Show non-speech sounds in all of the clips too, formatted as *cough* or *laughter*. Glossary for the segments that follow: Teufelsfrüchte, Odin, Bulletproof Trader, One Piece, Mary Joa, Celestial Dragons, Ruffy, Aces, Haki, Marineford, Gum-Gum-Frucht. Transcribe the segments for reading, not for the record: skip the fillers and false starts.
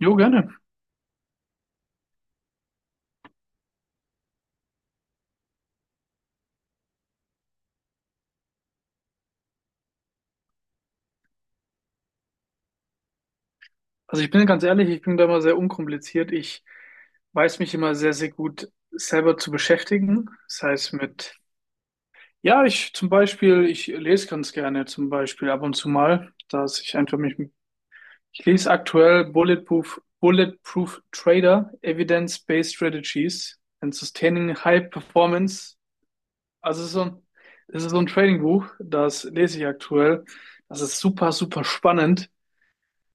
Jo, gerne. Also ich bin ganz ehrlich, ich bin da immer sehr unkompliziert. Ich weiß mich immer sehr, sehr gut selber zu beschäftigen. Das heißt mit, ja, ich lese ganz gerne zum Beispiel ab und zu mal, dass ich einfach mich, ich lese aktuell Bulletproof, Bulletproof Trader, Evidence-Based Strategies and Sustaining High Performance. Also es ist so ein, es ist so ein Trading-Buch, das lese ich aktuell. Das ist super, super spannend,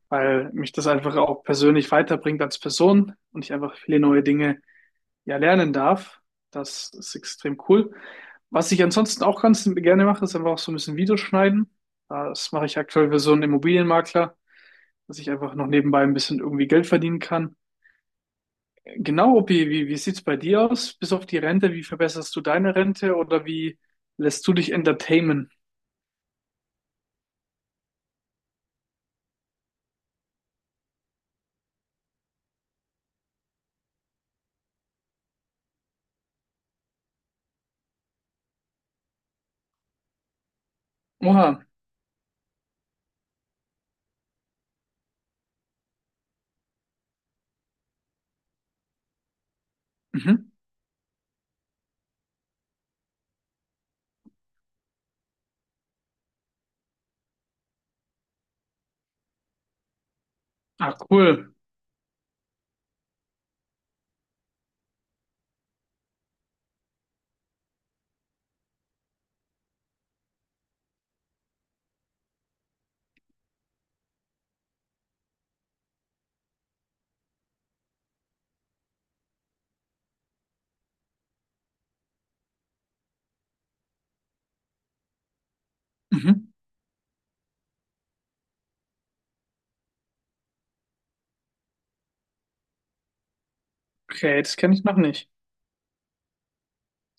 weil mich das einfach auch persönlich weiterbringt als Person und ich einfach viele neue Dinge ja lernen darf. Das ist extrem cool. Was ich ansonsten auch ganz gerne mache, ist einfach auch so ein bisschen Videos schneiden. Das mache ich aktuell für so einen Immobilienmakler, dass ich einfach noch nebenbei ein bisschen irgendwie Geld verdienen kann. Genau, Opi, wie sieht's bei dir aus? Bis auf die Rente, wie verbesserst du deine Rente oder wie lässt du dich entertainen? Oha. Mhm. Ah, cool. Mhm. Okay, das kenne ich noch nicht.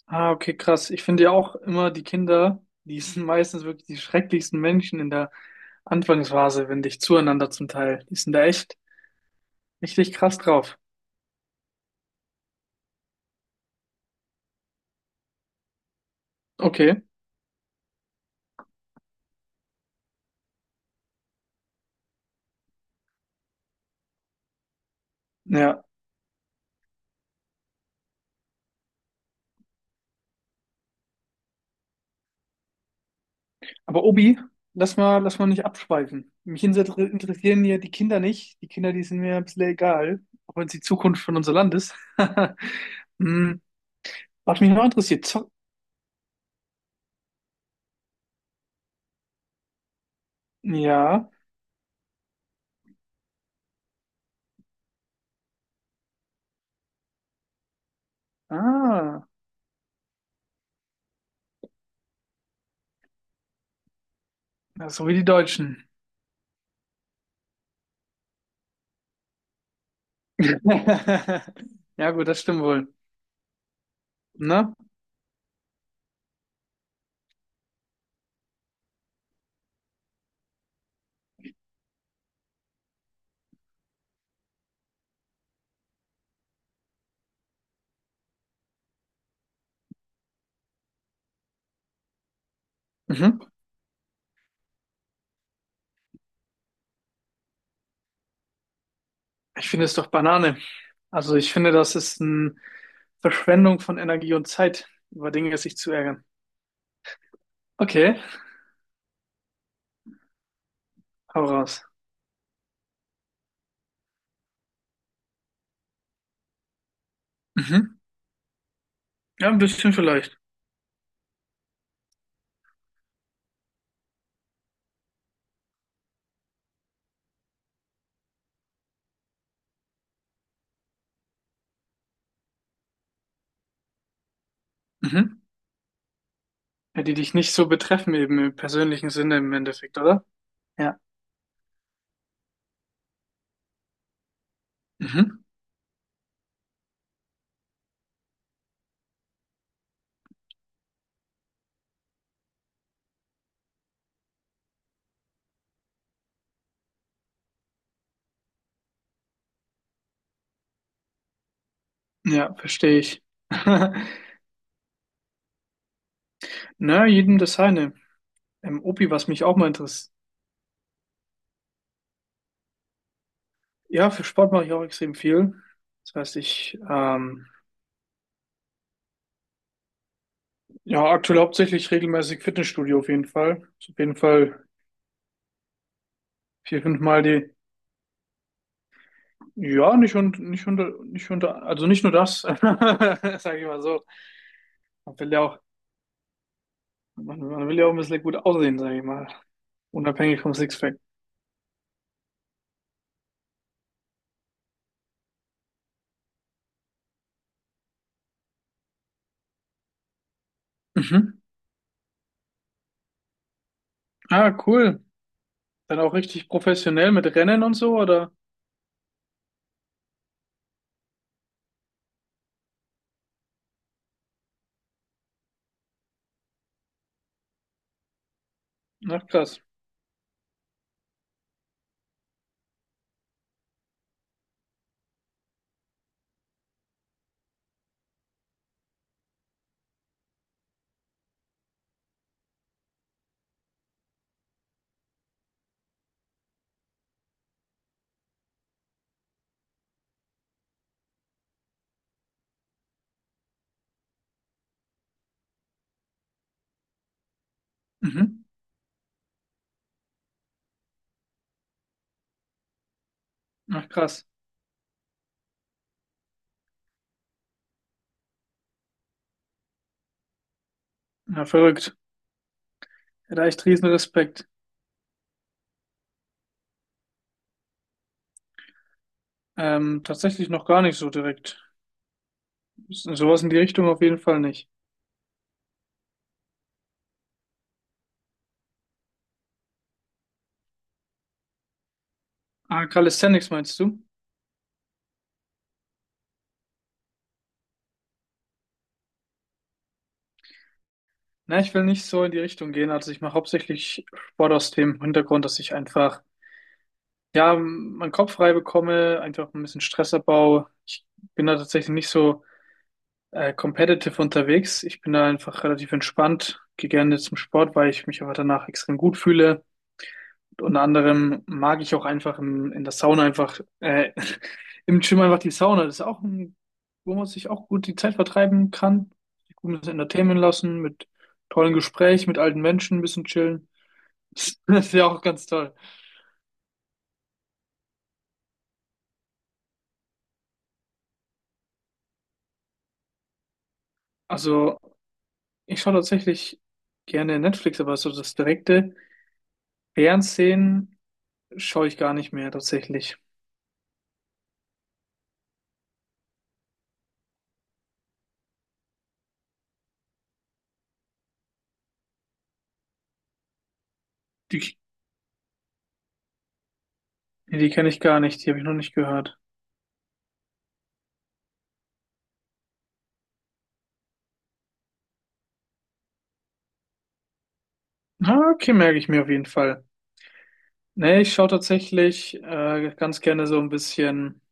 Ah, okay, krass. Ich finde ja auch immer die Kinder, die sind *laughs* meistens wirklich die schrecklichsten Menschen in der Anfangsphase, wenn dich zueinander zum Teil. Die sind da echt richtig krass drauf. Okay, ja. Aber Obi, lass mal nicht abschweifen. Mich interessieren ja die Kinder nicht. Die Kinder, die sind mir ein bisschen egal, auch wenn es die Zukunft von unser Land ist. *laughs* Hm, was mich noch interessiert, zock. Ja. Ah, ja, so wie die Deutschen. *laughs* Ja, gut, das stimmt wohl. Ne? Mhm. Ich finde es doch Banane. Also ich finde, das ist eine Verschwendung von Energie und Zeit, über Dinge sich zu ärgern. Okay, hau raus. Mhm. Ja, ein bisschen vielleicht. Mhm. Ja, die dich nicht so betreffen, eben im persönlichen Sinne im Endeffekt, oder? Ja. Mhm. Ja, verstehe ich. *laughs* Na, jedem das seine. Opi, was mich auch mal interessiert. Ja, für Sport mache ich auch extrem viel. Das heißt, ja, aktuell hauptsächlich regelmäßig Fitnessstudio auf jeden Fall. Ist auf jeden Fall vier, fünf Mal die Ja, nicht unter, also nicht nur das, *laughs* sage ich mal so. Man will ja auch, man will ja auch ein bisschen gut aussehen, sage ich mal. Unabhängig vom Sixpack. Mhm. Ah, cool. Dann auch richtig professionell mit Rennen und so, oder? Ach, krass. Mhm. Ach, krass. Ja, verrückt. Ja, da echt riesen Respekt. Tatsächlich noch gar nicht so direkt. Sowas in die Richtung auf jeden Fall nicht. Ah, Calisthenics meinst du? Na, ich will nicht so in die Richtung gehen. Also ich mache hauptsächlich Sport aus dem Hintergrund, dass ich einfach ja, meinen Kopf frei bekomme, einfach ein bisschen Stressabbau. Ich bin da tatsächlich nicht so competitive unterwegs. Ich bin da einfach relativ entspannt, gehe gerne zum Sport, weil ich mich einfach danach extrem gut fühle. Unter anderem mag ich auch einfach in der Sauna einfach, *laughs* im Gym einfach die Sauna. Das ist auch ein, wo man sich auch gut die Zeit vertreiben kann. Sich gut ein bisschen entertainen lassen, mit tollen Gesprächen, mit alten Menschen ein bisschen chillen. *laughs* Das ist ja auch ganz toll. Also, ich schaue tatsächlich gerne Netflix, aber so das direkte Fernsehen schaue ich gar nicht mehr tatsächlich. Die, die kenne ich gar nicht, die habe ich noch nicht gehört. Ah, okay, merke ich mir auf jeden Fall. Nee, ich schaue tatsächlich ganz gerne so ein bisschen,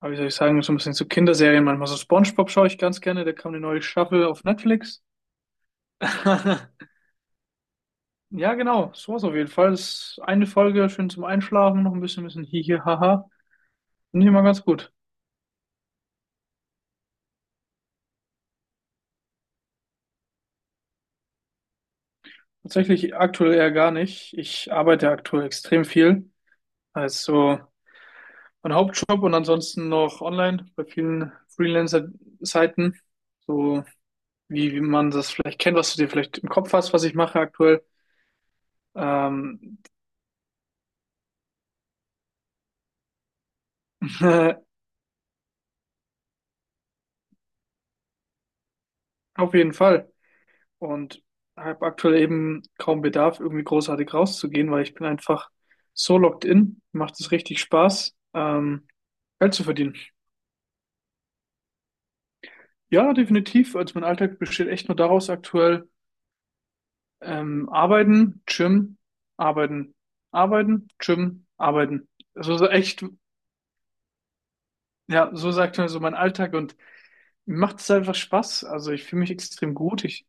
ah, wie soll ich sagen, so ein bisschen zu Kinderserien. Manchmal so SpongeBob schaue ich ganz gerne, da kam eine neue Staffel auf Netflix. *laughs* Ja, genau, sowas auf jeden Fall. Das ist eine Folge, schön zum Einschlafen, noch ein bisschen, bisschen hihi, haha. Finde ich immer ganz gut. Tatsächlich aktuell eher gar nicht. Ich arbeite aktuell extrem viel. Also mein Hauptjob und ansonsten noch online bei vielen Freelancer-Seiten. So wie man das vielleicht kennt, was du dir vielleicht im Kopf hast, was ich mache aktuell. Ähm, *laughs* auf jeden Fall. Und habe aktuell eben kaum Bedarf, irgendwie großartig rauszugehen, weil ich bin einfach so locked in. Macht es richtig Spaß, Geld zu verdienen. Ja, definitiv. Also mein Alltag besteht echt nur daraus aktuell. Arbeiten, Gym, arbeiten, arbeiten, Gym, arbeiten. So echt, ja, so sagt mir so mein Alltag und mir macht es einfach Spaß. Also ich fühle mich extrem gut. Ich,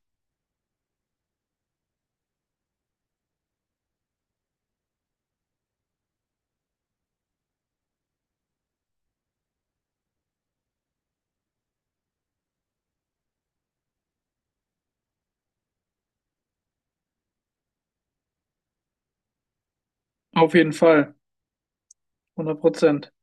auf jeden Fall, 100%.